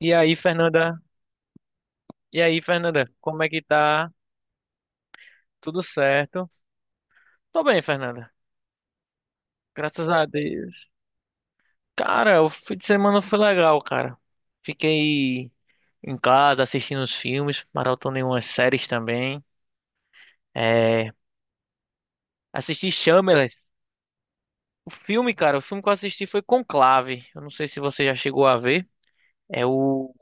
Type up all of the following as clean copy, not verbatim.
E aí, Fernanda? E aí, Fernanda? Como é que tá? Tudo certo? Tô bem, Fernanda. Graças a Deus. Cara, o fim de semana foi legal, cara. Fiquei em casa assistindo os filmes, maratonei umas séries também. É, assisti Shameless. O filme, cara, o filme que eu assisti foi Conclave. Eu não sei se você já chegou a ver. É o.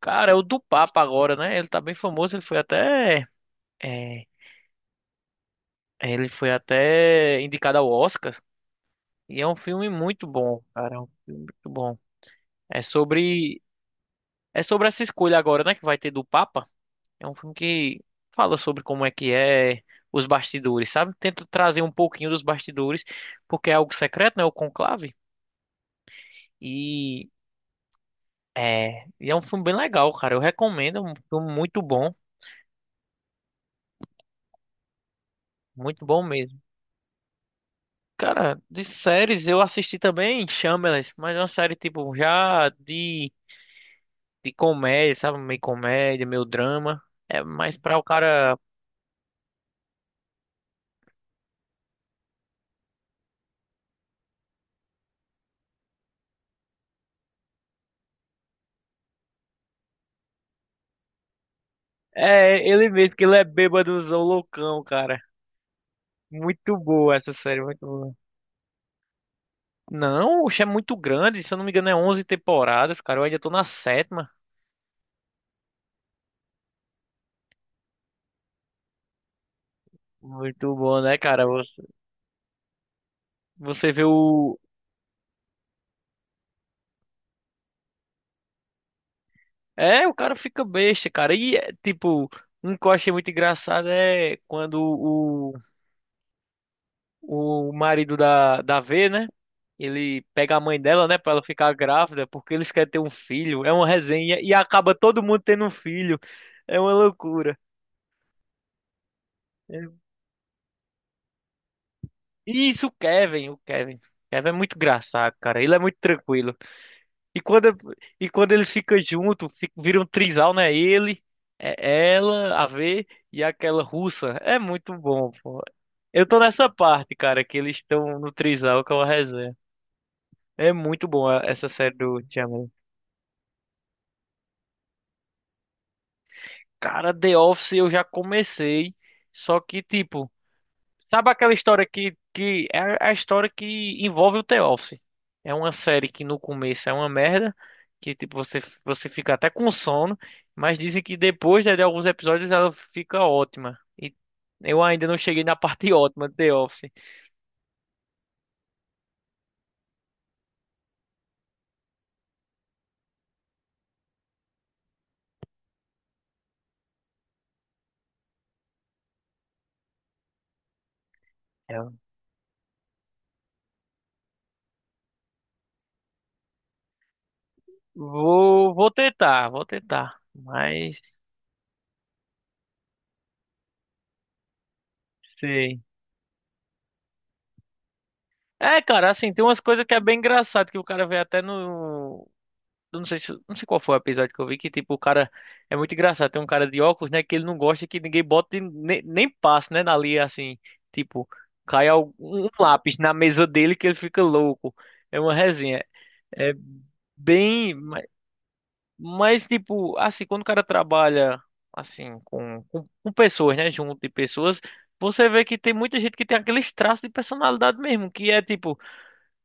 Cara, é o do Papa agora, né? Ele tá bem famoso, ele foi até. é, ele foi até indicado ao Oscar. E é um filme muito bom, cara. É um filme muito bom. É sobre, é sobre essa escolha agora, né? Que vai ter do Papa. É um filme que fala sobre como é que é os bastidores, sabe? Tenta trazer um pouquinho dos bastidores, porque é algo secreto, né? O conclave. E e é um filme bem legal, cara. Eu recomendo. É um filme muito bom. Muito bom mesmo. Cara, de séries eu assisti também Shameless, mas é uma série tipo já de comédia, sabe? Meio comédia, meio drama. É mais pra o cara. É, ele mesmo, que ele é bêbadozão loucão, cara. Muito boa essa série, muito boa. Não, o é muito grande, se eu não me engano é 11 temporadas, cara. Eu ainda tô na sétima. Muito bom, né, cara? Você vê o... É, o cara fica besta, cara. E, é, tipo, um que eu achei muito engraçado é quando o marido da V, né? Ele pega a mãe dela, né, pra ela ficar grávida, porque eles querem ter um filho. É uma resenha e acaba todo mundo tendo um filho. É uma loucura. É. Isso, o Kevin. O Kevin é muito engraçado, cara. Ele é muito tranquilo. E quando, e quando eles ficam juntos, fica, vira um trisal, né? Ele, é ela, a V e aquela russa. É muito bom, pô. Eu tô nessa parte, cara, que eles estão no trisal que é uma resenha. É muito bom a- essa série do Shyamalan. Cara, The Office eu já comecei, só que tipo. Sabe aquela história que é a história que envolve o The Office? É uma série que no começo é uma merda, que tipo, você fica até com sono, mas dizem que depois né, de alguns episódios ela fica ótima. E eu ainda não cheguei na parte ótima do The Office. É. Vou tentar, vou tentar. Mas sei. É, cara, assim, tem umas coisas que é bem engraçado, que o cara vê até no. Eu não sei se, não sei qual foi o episódio que eu vi que, tipo, o cara é muito engraçado. Tem um cara de óculos, né, que ele não gosta que ninguém bote nem passe, né, ali assim, tipo, cai algum- um lápis na mesa dele que ele fica louco. É uma resenha. É bem, ma- mas tipo, assim, quando o cara trabalha assim com pessoas, né, junto de pessoas, você vê que tem muita gente que tem aqueles traços de personalidade mesmo, que é tipo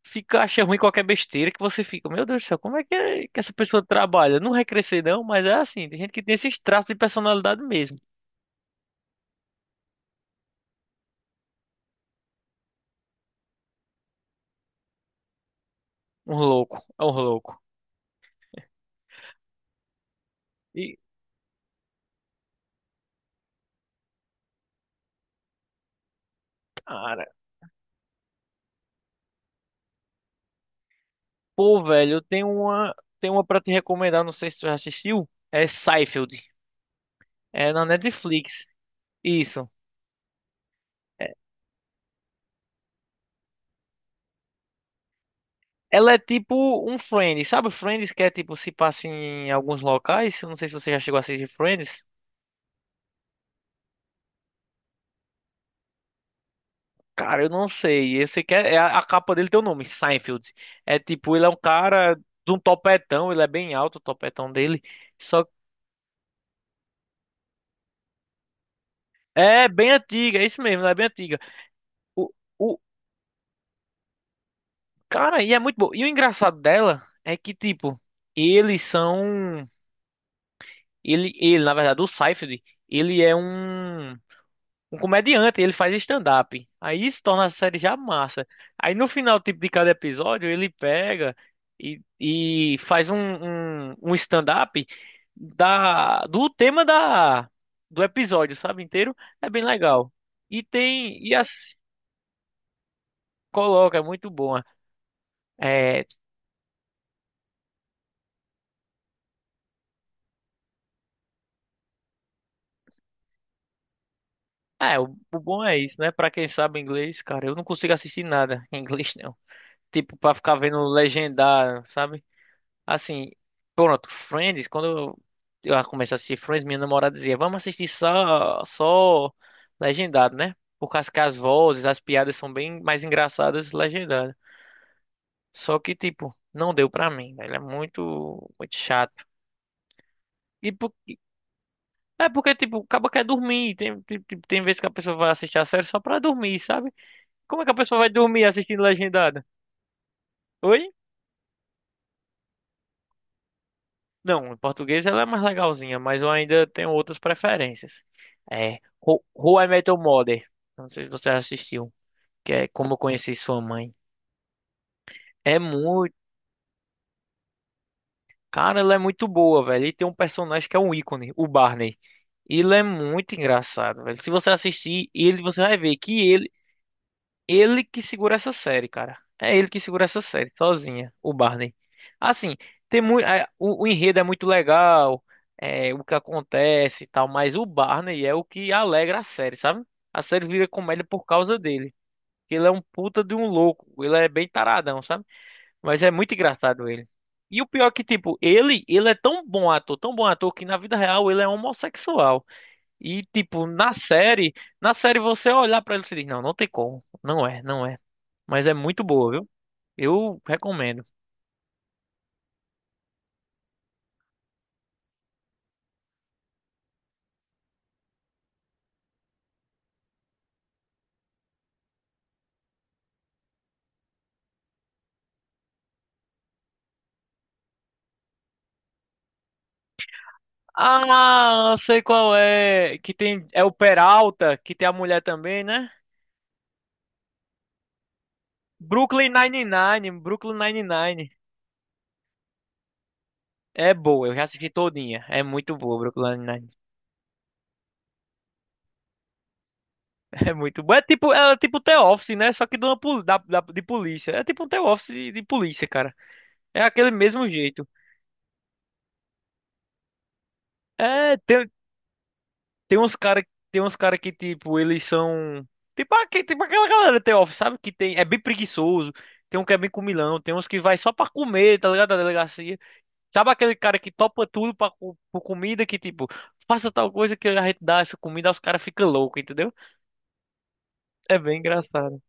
fica, acha ruim qualquer besteira que você fica, meu Deus do céu, é que essa pessoa trabalha? Não vai crescer não, mas é assim, tem gente que tem esses traços de personalidade mesmo. Um louco, é um louco. E, cara, pô, velho, tenho uma pra te recomendar, não sei se tu já assistiu, é Seinfeld, é na Netflix, isso. Ela é tipo um Friends, sabe Friends que é tipo se passa em alguns locais? Eu não sei se você já chegou a assistir Friends. Cara, eu não sei. Eu sei que é a capa dele tem o nome, Seinfeld. É tipo, ele é um cara de um topetão, ele é bem alto, o topetão dele. Só é bem antiga, é isso mesmo, ela é bem antiga. O, o cara, e é muito bom. E o engraçado dela é que tipo, eles são ele ele, na verdade, o Seinfeld, ele é um um comediante, ele faz stand-up. Aí isso torna a série já massa. Aí no final, tipo, de cada episódio, ele pega e faz um, um, um stand-up da, do tema da, do episódio, sabe, inteiro. É bem legal. E tem, e as, coloca, é muito bom. É, o bom é isso, né? Pra quem sabe inglês, cara, eu não consigo assistir nada em inglês, não. Tipo, pra ficar vendo legendar, sabe? Assim, pronto, Friends, quando eu comecei a assistir Friends, minha namorada dizia, vamos assistir só legendado, né? Por causa que as vozes, as piadas são bem mais engraçadas legendadas. Só que, tipo, não deu pra mim, velho. É muito, muito chato. E por, é porque, tipo, o cabo quer dormir. Tem vezes que a pessoa vai assistir a série só pra dormir, sabe? Como é que a pessoa vai dormir assistindo legendado? Oi? Não, em português ela é mais legalzinha, mas eu ainda tenho outras preferências. É Ho- How I Met Your Mother. Não sei se você assistiu, que é Como Eu Conheci Sua Mãe. É muito, cara, ela é muito boa, velho. E tem um personagem que é um ícone, o Barney. Ele é muito engraçado, velho. Se você assistir ele, você vai ver que ele. Ele que segura essa série, cara. É ele que segura essa série, sozinha, o Barney. Assim, tem muito, o enredo é muito legal, é, o que acontece e tal, mas o Barney é o que alegra a série, sabe? A série vira comédia por causa dele. Ele é um puta de um louco, ele é bem taradão, sabe? Mas é muito engraçado ele. E o pior é que, tipo, ele é tão bom ator, que na vida real ele é homossexual. E, tipo, na série você olhar pra ele e você diz, não, não tem como. Não é, não é. Mas é muito boa, viu? Eu recomendo. Ah, sei qual é. Que tem. É o Peralta, que tem a mulher também, né? Brooklyn Nine-Nine. Brooklyn Nine-Nine. É boa, eu já assisti todinha. É muito boa, Brooklyn Nine-Nine. É muito boa. É tipo The Office, né? Só que de, uma, pol- da, da- de polícia. É tipo um The Office de polícia, cara. É aquele mesmo jeito. É, tem, Tem uns cara, tem uns cara que, tipo, eles são. Tipo, aque- tipo aquela galera do The Office, sabe? Que tem. É bem preguiçoso. Tem um que é bem comilão. Tem uns que vai só pra comer, tá ligado? Da delegacia. Sabe aquele cara que topa tudo pra, co- por comida que, tipo, faça tal coisa que a gente dá essa comida, os caras ficam loucos, entendeu? É bem engraçado.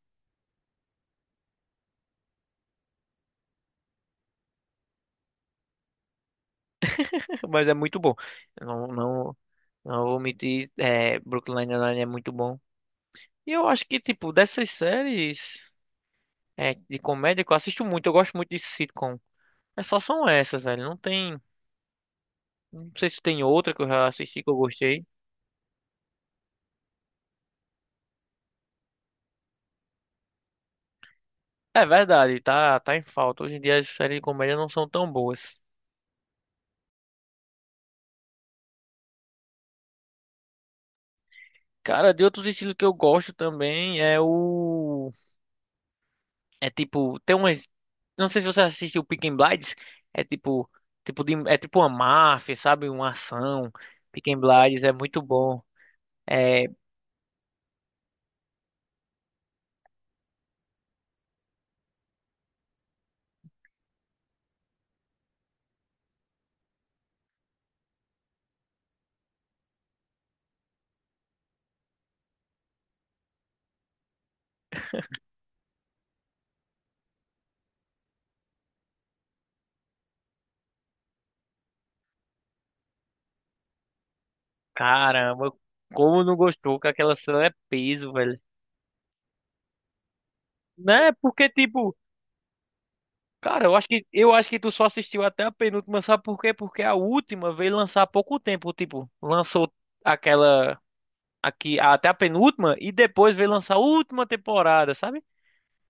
Mas é muito bom. Eu não, não, não vou mentir. É, Brooklyn Nine-Nine é muito bom. E eu acho que, tipo, dessas séries é, de comédia que eu assisto muito, eu gosto muito de sitcom. É só são essas, velho. Não tem. Não sei se tem outra que eu já assisti que eu gostei. É verdade, tá, tá em falta. Hoje em dia as séries de comédia não são tão boas. Cara, de outros estilos que eu gosto também é o. É tipo. Tem umas. Não sei se você assistiu Peaky Blinders. É tipo. Tipo de... É tipo uma máfia, sabe? Uma ação. Peaky Blinders é muito bom. É. Caramba, como não gostou que aquela cena é peso, velho. Né? Porque, tipo. Cara, eu acho que tu só assistiu até a penúltima, sabe por quê? Porque a última veio lançar há pouco tempo, tipo, lançou aquela aqui até a penúltima e depois veio lançar a última temporada, sabe?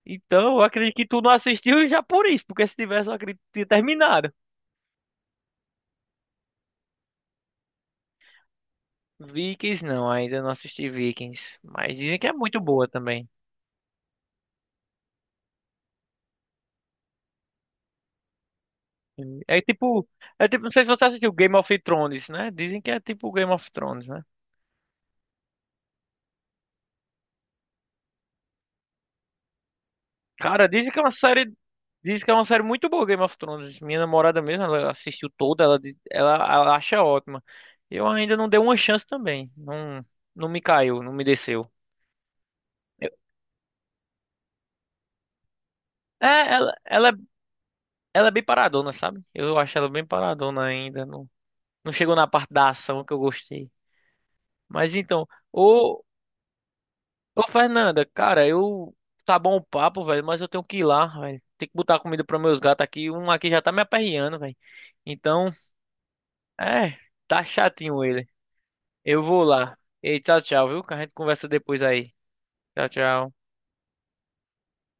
Então, eu acredito que tu não assistiu já por isso, porque se tivesse, eu acredito que tinha terminado. Vikings não, ainda não assisti Vikings, mas dizem que é muito boa também. É tipo, é tipo, não sei se você assistiu Game of Thrones, né? Dizem que é tipo Game of Thrones, né? Cara, dizem que é uma série. Dizem que é uma série muito boa, Game of Thrones. Minha namorada mesmo, ela assistiu toda, ela, diz- ela acha ótima. Eu ainda não dei uma chance também. Não, não me caiu, não me desceu. Eu- é, é, ela é bem paradona, sabe? Eu acho ela bem paradona ainda. Não, não chegou na parte da ação que eu gostei. Mas então, ô, ô Fernanda, cara, eu. Tá bom o papo, velho, mas eu tenho que ir lá, velho. Tem que botar comida para meus gatos aqui. Um aqui já tá me aperreando, velho. Então. É, tá chatinho ele. Eu vou lá. Ei, tchau, tchau, viu? Que a gente conversa depois aí. Tchau, tchau.